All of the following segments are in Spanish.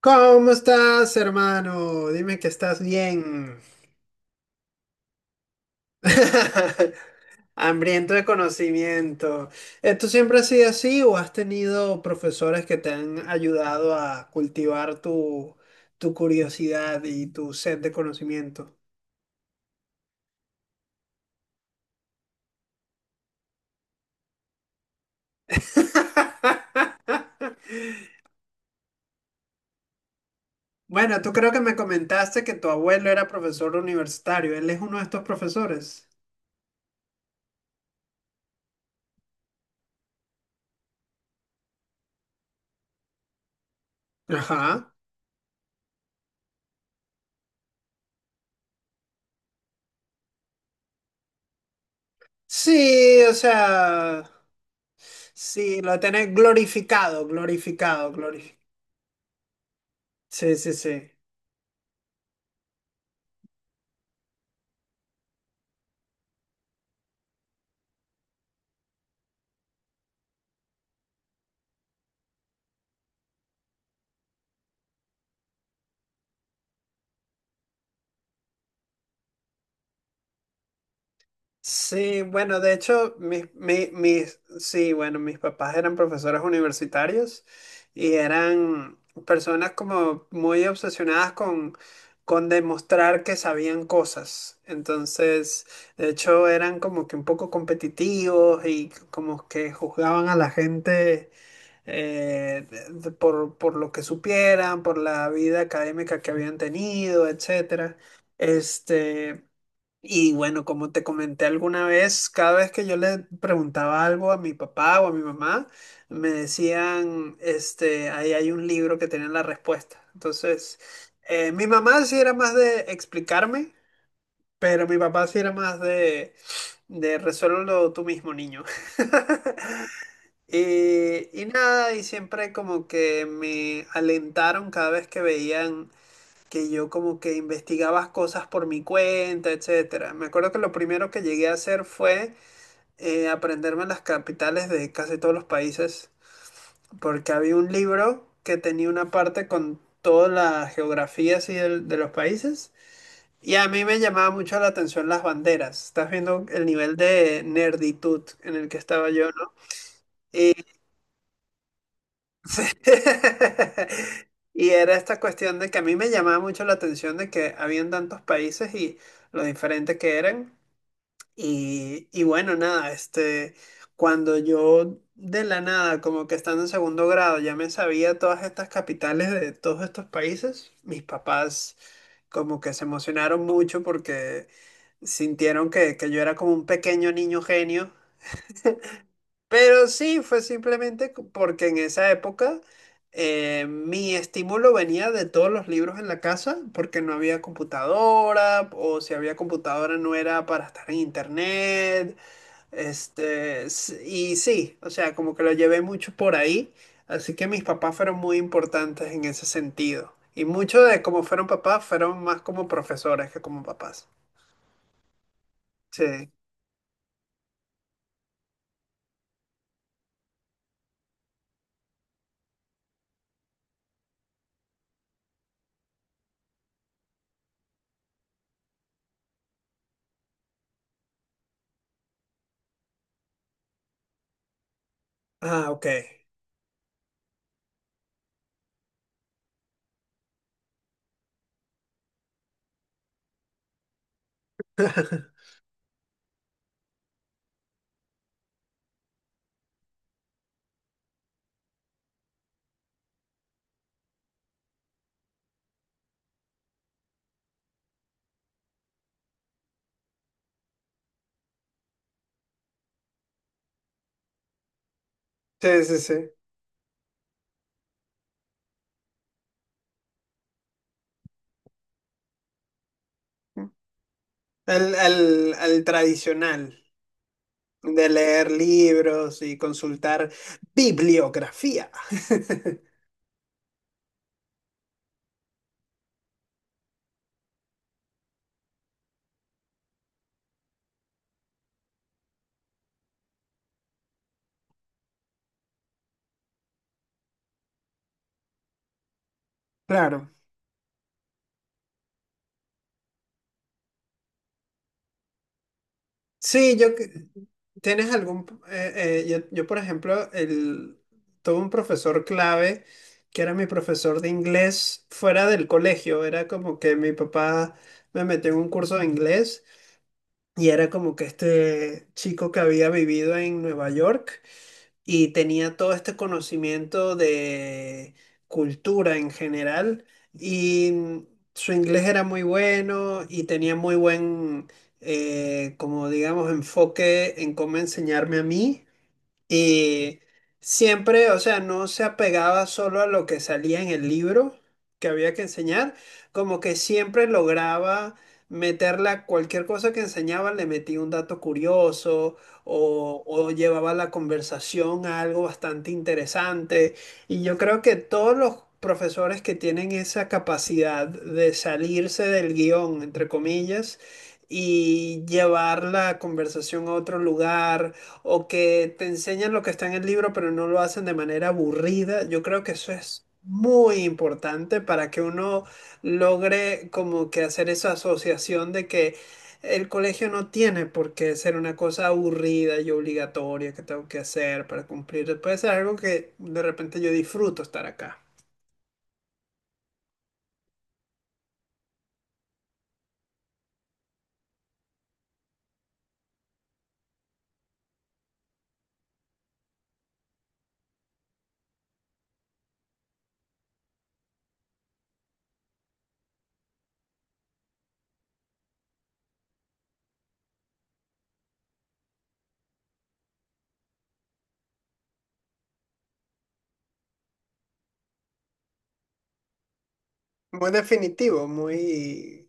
¿Cómo estás, hermano? Dime que estás bien. Hambriento de conocimiento. ¿Tú siempre has sido así o has tenido profesores que te han ayudado a cultivar tu curiosidad y tu sed de conocimiento? Bueno, tú creo que me comentaste que tu abuelo era profesor universitario. Él es uno de estos profesores. Ajá. Sí, o sea. Sí, lo tenés glorificado, glorificado, glorificado. Sí, sí, sí. Sí, bueno, de hecho, sí, bueno, mis papás eran profesores universitarios y eran personas como muy obsesionadas con demostrar que sabían cosas. Entonces, de hecho, eran como que un poco competitivos y como que juzgaban a la gente, por lo que supieran, por la vida académica que habían tenido, etcétera. Este, y bueno, como te comenté alguna vez, cada vez que yo le preguntaba algo a mi papá o a mi mamá, me decían, este, ahí hay un libro que tiene la respuesta. Entonces, mi mamá sí era más de explicarme, pero mi papá sí era más de resuélvelo tú mismo, niño. Y nada, y siempre como que me alentaron cada vez que veían que yo como que investigaba cosas por mi cuenta, etcétera. Me acuerdo que lo primero que llegué a hacer fue aprenderme las capitales de casi todos los países, porque había un libro que tenía una parte con toda la geografía así de los países, y a mí me llamaba mucho la atención las banderas. Estás viendo el nivel de nerditud en el que estaba yo, ¿no? Y era esta cuestión de que a mí me llamaba mucho la atención de que habían tantos países y lo diferente que eran. Y bueno, nada, este, cuando yo de la nada, como que estando en segundo grado, ya me sabía todas estas capitales de todos estos países, mis papás como que se emocionaron mucho porque sintieron que yo era como un pequeño niño genio, pero sí, fue simplemente porque en esa época mi estímulo venía de todos los libros en la casa, porque no había computadora, o si había computadora no era para estar en internet, este, y sí, o sea, como que lo llevé mucho por ahí, así que mis papás fueron muy importantes en ese sentido. Y mucho de cómo fueron papás fueron más como profesores que como papás. Sí. Ah, ok. Sí, sí, sí. Al tradicional de leer libros y consultar bibliografía. Claro. Sí, tienes algún yo, por ejemplo el tuve un profesor clave que era mi profesor de inglés fuera del colegio, era como que mi papá me metió en un curso de inglés y era como que este chico que había vivido en Nueva York y tenía todo este conocimiento de cultura en general y su inglés era muy bueno y tenía muy buen, como digamos, enfoque en cómo enseñarme a mí y siempre, o sea, no se apegaba solo a lo que salía en el libro que había que enseñar, como que siempre lograba meterla, a cualquier cosa que enseñaba, le metía un dato curioso o llevaba la conversación a algo bastante interesante. Y yo creo que todos los profesores que tienen esa capacidad de salirse del guión, entre comillas, y llevar la conversación a otro lugar o que te enseñan lo que está en el libro, pero no lo hacen de manera aburrida. Yo creo que eso es muy importante para que uno logre como que hacer esa asociación de que el colegio no tiene por qué ser una cosa aburrida y obligatoria que tengo que hacer para cumplir. Puede ser algo que de repente yo disfruto estar acá. Muy definitivo, muy.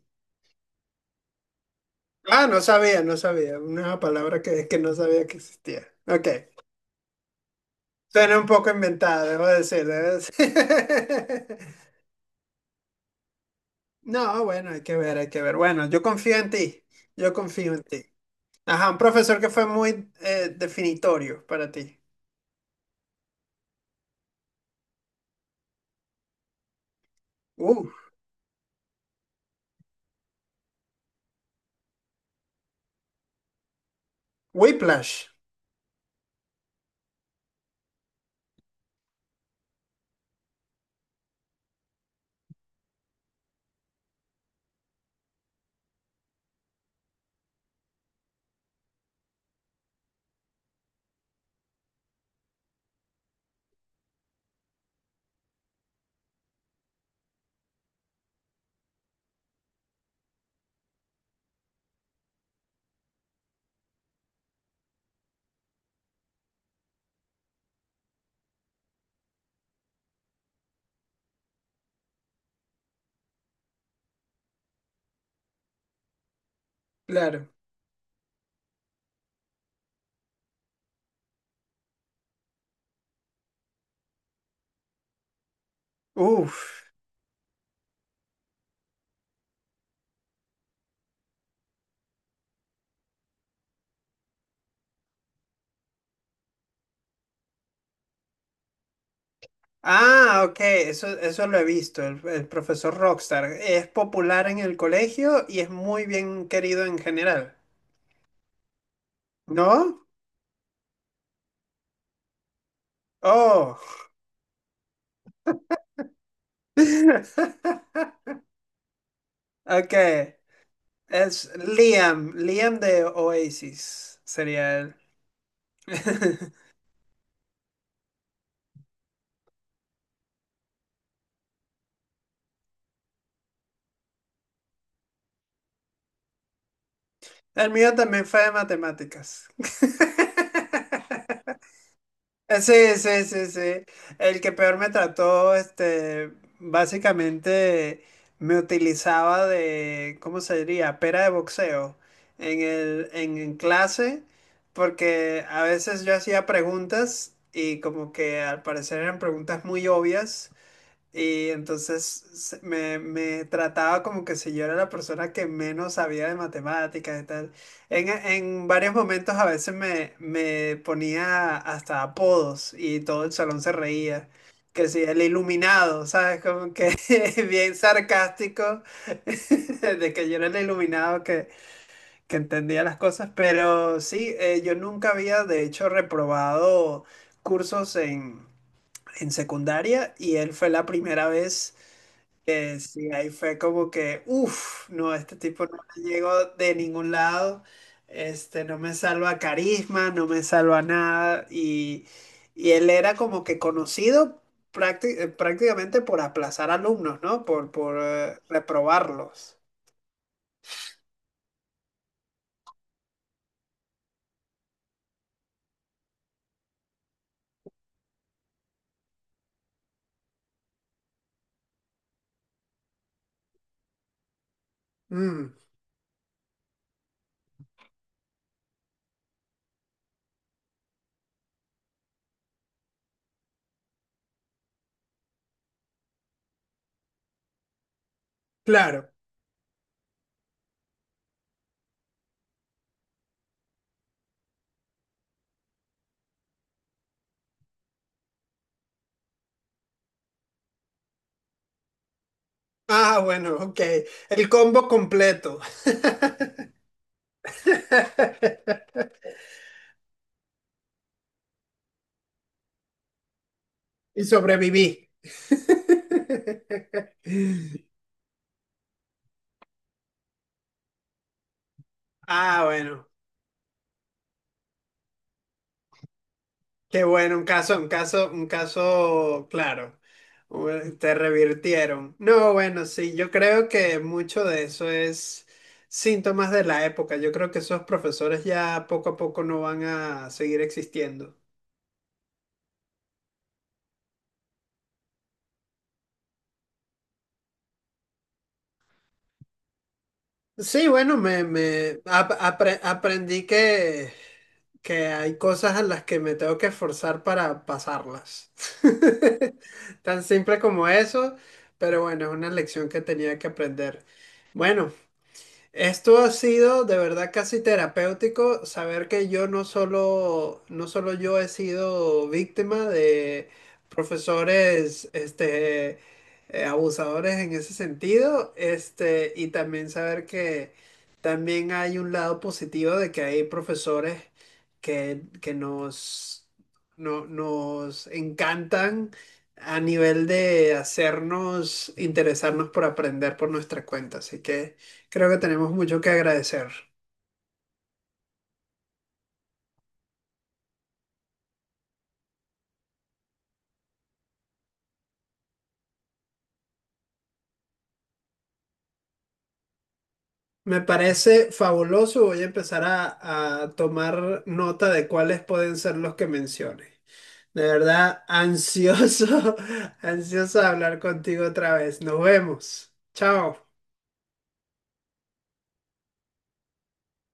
Ah, no sabía, no sabía. Una palabra que no sabía que existía. Ok. Suena un poco inventado, debo decir, debo decir. No, bueno, hay que ver, hay que ver. Bueno, yo confío en ti, yo confío en ti. Ajá, un profesor que fue muy definitorio para ti. Uh, Whiplash, claro. Uf. Ah, ok, eso lo he visto, el profesor Rockstar. Es popular en el colegio y es muy bien querido en general. ¿No? Oh. Ok. Es Liam, Liam de Oasis sería él. El mío también fue de matemáticas. Sí, sí, sí, sí. El que peor me trató, este, básicamente me utilizaba de, ¿cómo se diría? Pera de boxeo en clase, porque a veces yo hacía preguntas y como que al parecer eran preguntas muy obvias. Y entonces me trataba como que si yo era la persona que menos sabía de matemáticas y tal. En varios momentos a veces me ponía hasta apodos y todo el salón se reía. Que si el iluminado, ¿sabes? Como que bien sarcástico de que yo era el iluminado que entendía las cosas. Pero sí, yo nunca había de hecho reprobado cursos en secundaria y él fue la primera vez. Sí, ahí fue como que, uff, no, este tipo no me llegó de ningún lado, este, no me salva carisma, no me salva nada, y él era como que conocido prácticamente por aplazar alumnos, ¿no? Por reprobarlos. Mm, claro. Ah, bueno, ok, el combo completo. Y sobreviví. Ah, bueno. Qué bueno, un caso, un caso, un caso claro. Bueno, te revirtieron. No, bueno, sí, yo creo que mucho de eso es síntomas de la época. Yo creo que esos profesores ya poco a poco no van a seguir existiendo. Sí, bueno, me aprendí que hay cosas a las que me tengo que esforzar para pasarlas. Tan simple como eso, pero bueno, es una lección que tenía que aprender. Bueno. Esto ha sido de verdad casi terapéutico saber que yo no solo yo he sido víctima de profesores, este, abusadores en ese sentido, este, y también saber que también hay un lado positivo de que hay profesores que nos, no- nos encantan a nivel de hacernos interesarnos por aprender por nuestra cuenta. Así que. Creo que tenemos mucho que agradecer. Me parece fabuloso. Voy a empezar a tomar nota de cuáles pueden ser los que menciones. De verdad, ansioso, ansioso de hablar contigo otra vez. Nos vemos. Chao.